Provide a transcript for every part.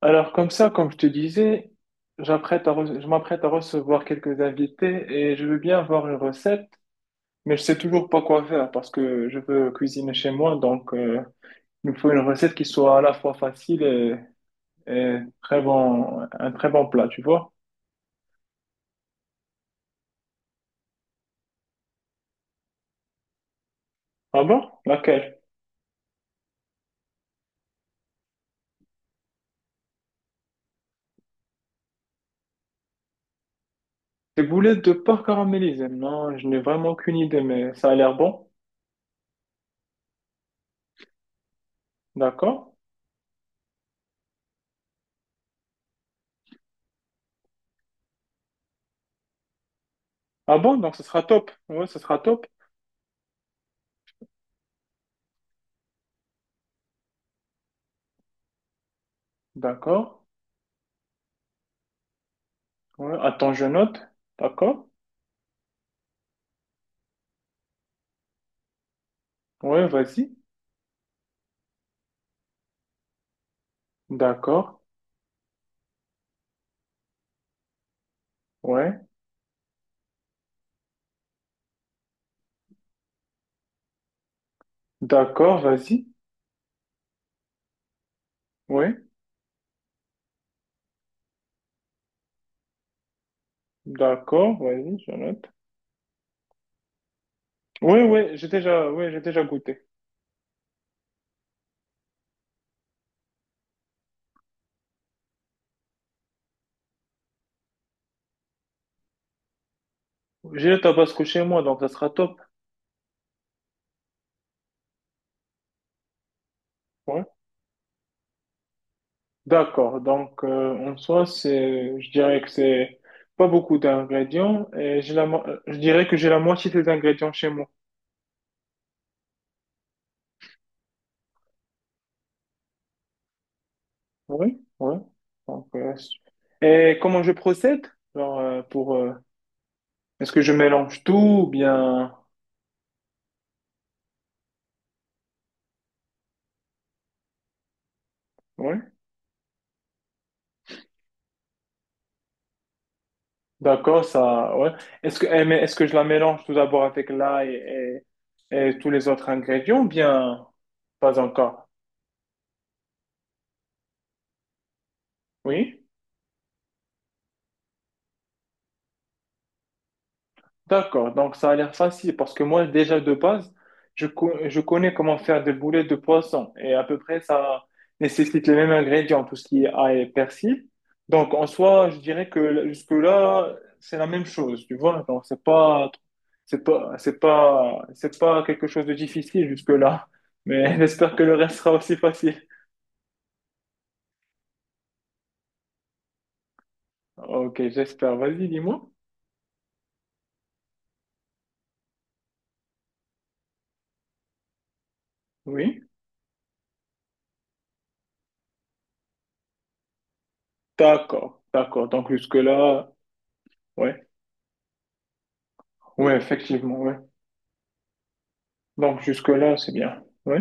Alors comme ça, comme je te disais, je m'apprête à recevoir quelques invités et je veux bien avoir une recette, mais je sais toujours pas quoi faire parce que je veux cuisiner chez moi, donc il me faut une recette qui soit à la fois facile et très bon, un très bon plat, tu vois. Ah bon? Laquelle? Des boulettes de porc caramélisées. Non, je n'ai vraiment aucune idée, mais ça a l'air bon. D'accord. Ah bon? Donc ce sera top. Ouais, ce sera top. D'accord. Ouais, attends, je note. D'accord. Ouais, vas-y. D'accord, ouais. D'accord, vas-y. Ouais. D'accord, vas-y, je note. Oui, oui, j'ai déjà, ouais, j'ai déjà goûté. J'ai le tabasco chez moi, donc ça sera top. Ouais. D'accord, donc en soi, c'est, je dirais que c'est pas beaucoup d'ingrédients et j'ai je dirais que j'ai la moitié des ingrédients chez moi. Oui, oui. Donc, euh, et comment je procède? Genre, euh, pour, euh, est-ce que je mélange tout ou bien, oui. D'accord, ça, ouais. Mais est-ce que je la mélange tout d'abord avec l'ail et tous les autres ingrédients, ou bien pas encore? Oui. D'accord, donc ça a l'air facile parce que moi, déjà de base, je connais comment faire des boulettes de poisson et à peu près ça nécessite les mêmes ingrédients, tout ce qui est ail et persil. Donc en soi, je dirais que jusque-là, c'est la même chose, tu vois. Donc c'est pas quelque chose de difficile jusque-là, mais j'espère que le reste sera aussi facile. Ok, j'espère. Vas-y, dis-moi. Oui, d'accord. Donc jusque-là, ouais, ouais, effectivement, ouais. Donc jusque-là, c'est bien. Oui,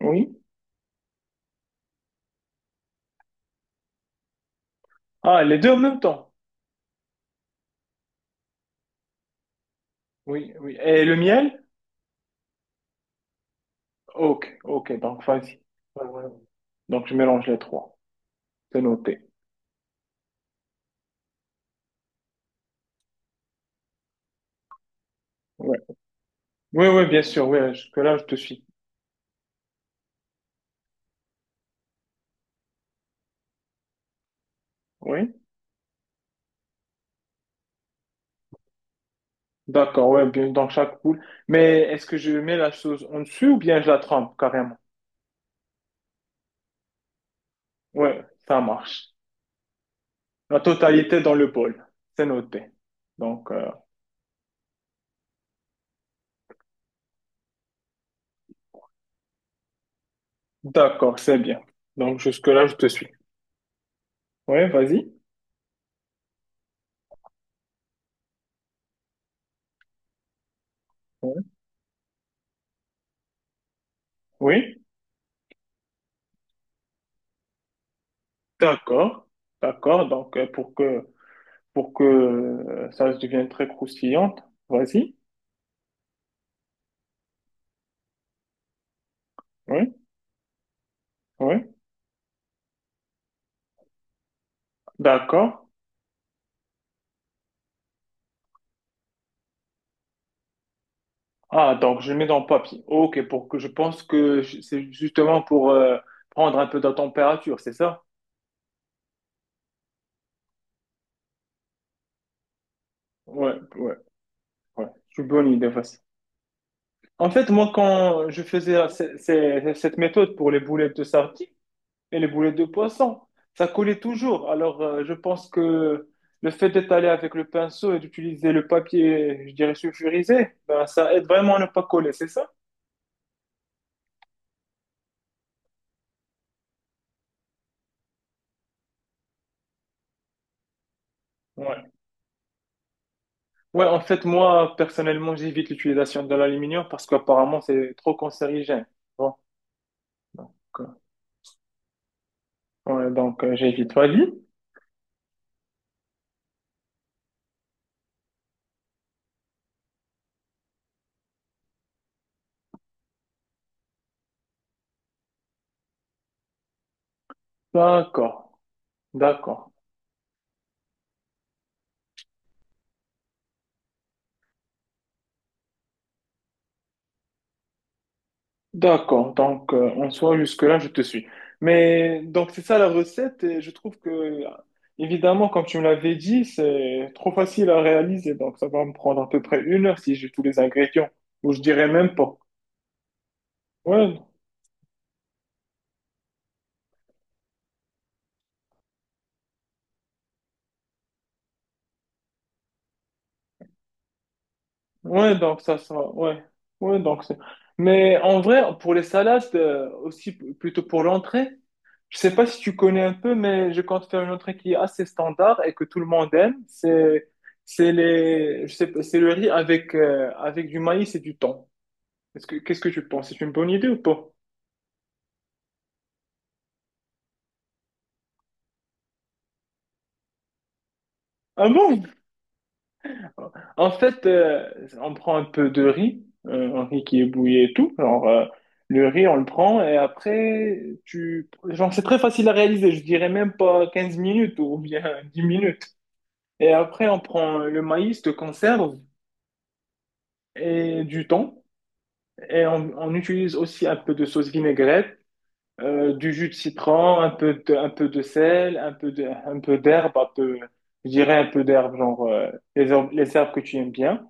oui. Ah, les deux en même temps. Oui, oui. Et le miel? Ok, donc vas-y. Ouais, ouais. Donc je mélange les trois. C'est noté. Ouais. Oui, oui, bien sûr, oui, jusque-là, je te suis. Oui. D'accord, ouais, bien dans chaque poule. Mais est-ce que je mets la chose en dessus ou bien je la trempe carrément? Ouais, ça marche. La totalité dans le bol. C'est noté. Donc, euh, d'accord, c'est bien. Donc jusque-là, je te suis. Oui, vas-y. Ouais. Oui. D'accord, d'accord. Donc, euh, pour que, pour que ça devienne très croustillante, vas-y. Oui, oui. D'accord. Ah, donc je mets dans le papier. Ok, pour que je pense que je- c'est justement pour prendre un peu de température, c'est ça? Ouais, ouais. C'est une bonne idée, vas-y. En fait, moi, quand je faisais cette méthode pour les boulettes de sardines, et les boulettes de poisson, ça collait toujours. Je pense que le fait d'étaler avec le pinceau et d'utiliser le papier, je dirais sulfurisé, ben, ça aide vraiment à ne pas coller, c'est ça? Ouais. Ouais, en fait, moi, personnellement, j'évite l'utilisation de l'aluminium parce qu'apparemment, c'est trop cancérigène. Bon, donc, euh, ouais, j'évite. Vas-y. D'accord, d'accord. D'accord, en soi jusque-là je te suis. Mais donc c'est ça la recette et je trouve que évidemment comme tu me l'avais dit c'est trop facile à réaliser donc ça va me prendre à peu près une heure si j'ai tous les ingrédients ou je dirais même pas. Ouais, ouais, donc ça sera ouais, ouais, donc c'est. Mais en vrai pour les salades aussi plutôt pour l'entrée. Je sais pas si tu connais un peu, mais je compte faire une entrée qui est assez standard et que tout le monde aime. C'est les, je sais pas, c'est le riz avec, avec du maïs et du thon. Est-ce que, qu'est-ce que tu penses? C'est une bonne idée ou pas? Ah bon? En fait, on prend un peu de riz, un riz qui est bouillé et tout. Le riz, on le prend et après, tu, genre, c'est très facile à réaliser. Je dirais même pas 15 minutes ou bien 10 minutes. Et après, on prend le maïs de conserve et du thon. Et on utilise aussi un peu de sauce vinaigrette, du jus de citron, un peu de sel, un peu, je dirais un peu d'herbe, les les herbes que tu aimes bien.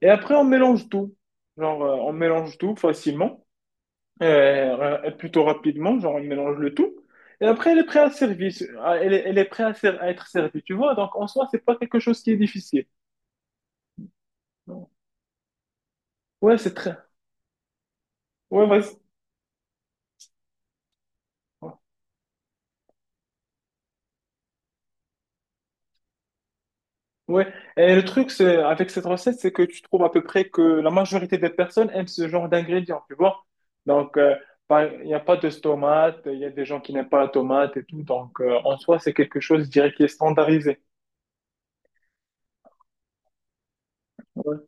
Et après, on mélange tout. On mélange tout facilement, plutôt rapidement, genre on mélange le tout. Et après, elle est prête à servir à- elle est prête à, ser- à être servie, tu vois. Donc, en soi, c'est pas quelque chose qui est difficile. Ouais, c'est très... Ouais, vas-y. Ouais, et le truc c'est avec cette recette, c'est que tu trouves à peu près que la majorité des personnes aiment ce genre d'ingrédients, tu vois. Donc, euh, il n'y a pas de tomate, il y a des gens qui n'aiment pas la tomate et tout. donc en soi, c'est quelque chose, je dirais, qui est standardisé. Ouais,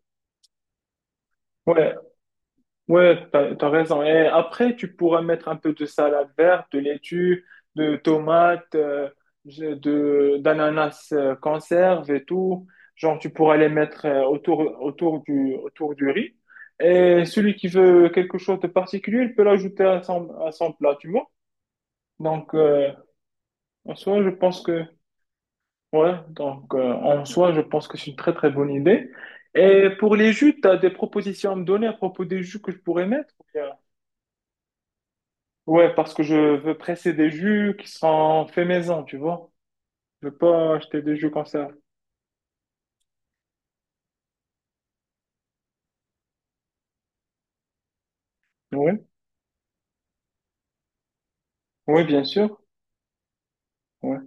ouais, ouais, t'as raison. Et après, tu pourras mettre un peu de salade verte, de laitue, de tomates, d'ananas conserve et tout. Tu pourras les mettre autour du riz. Et celui qui veut quelque chose de particulier, il peut l'ajouter à à son plat, tu vois. Donc, en soi, je pense que, ouais, en soi, je pense que c'est une très bonne idée. Et pour les jus, t'as des propositions à me donner à propos des jus que je pourrais mettre? Ouais, parce que je veux presser des jus qui seront faits maison, tu vois. Je veux pas acheter des jus comme ça. Oui, oui, bien sûr. Ouais,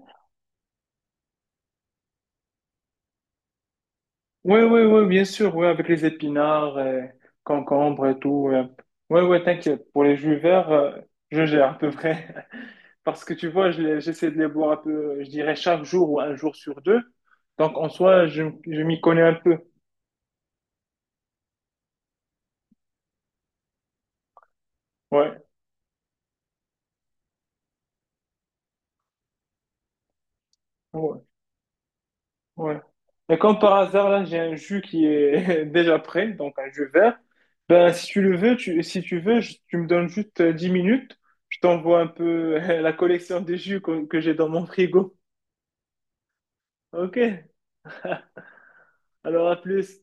oui, oui, ouais, bien sûr. Oui, avec les épinards, et concombres et tout. Oui, oui, ouais, ouais, t'inquiète. Pour les jus verts, je gère à peu près. Parce que tu vois, j'essaie de les boire un peu, je dirais chaque jour ou un jour sur deux. Donc en soi, je m'y connais un peu. Ouais, ouais, ouais. Et comme par hasard, là, j'ai un jus qui est déjà prêt, donc un jus vert. Ben, si tu le veux, si tu veux, tu me donnes juste 10 minutes. Je t'envoie un peu la collection de que j'ai dans mon frigo. Ok, alors à plus.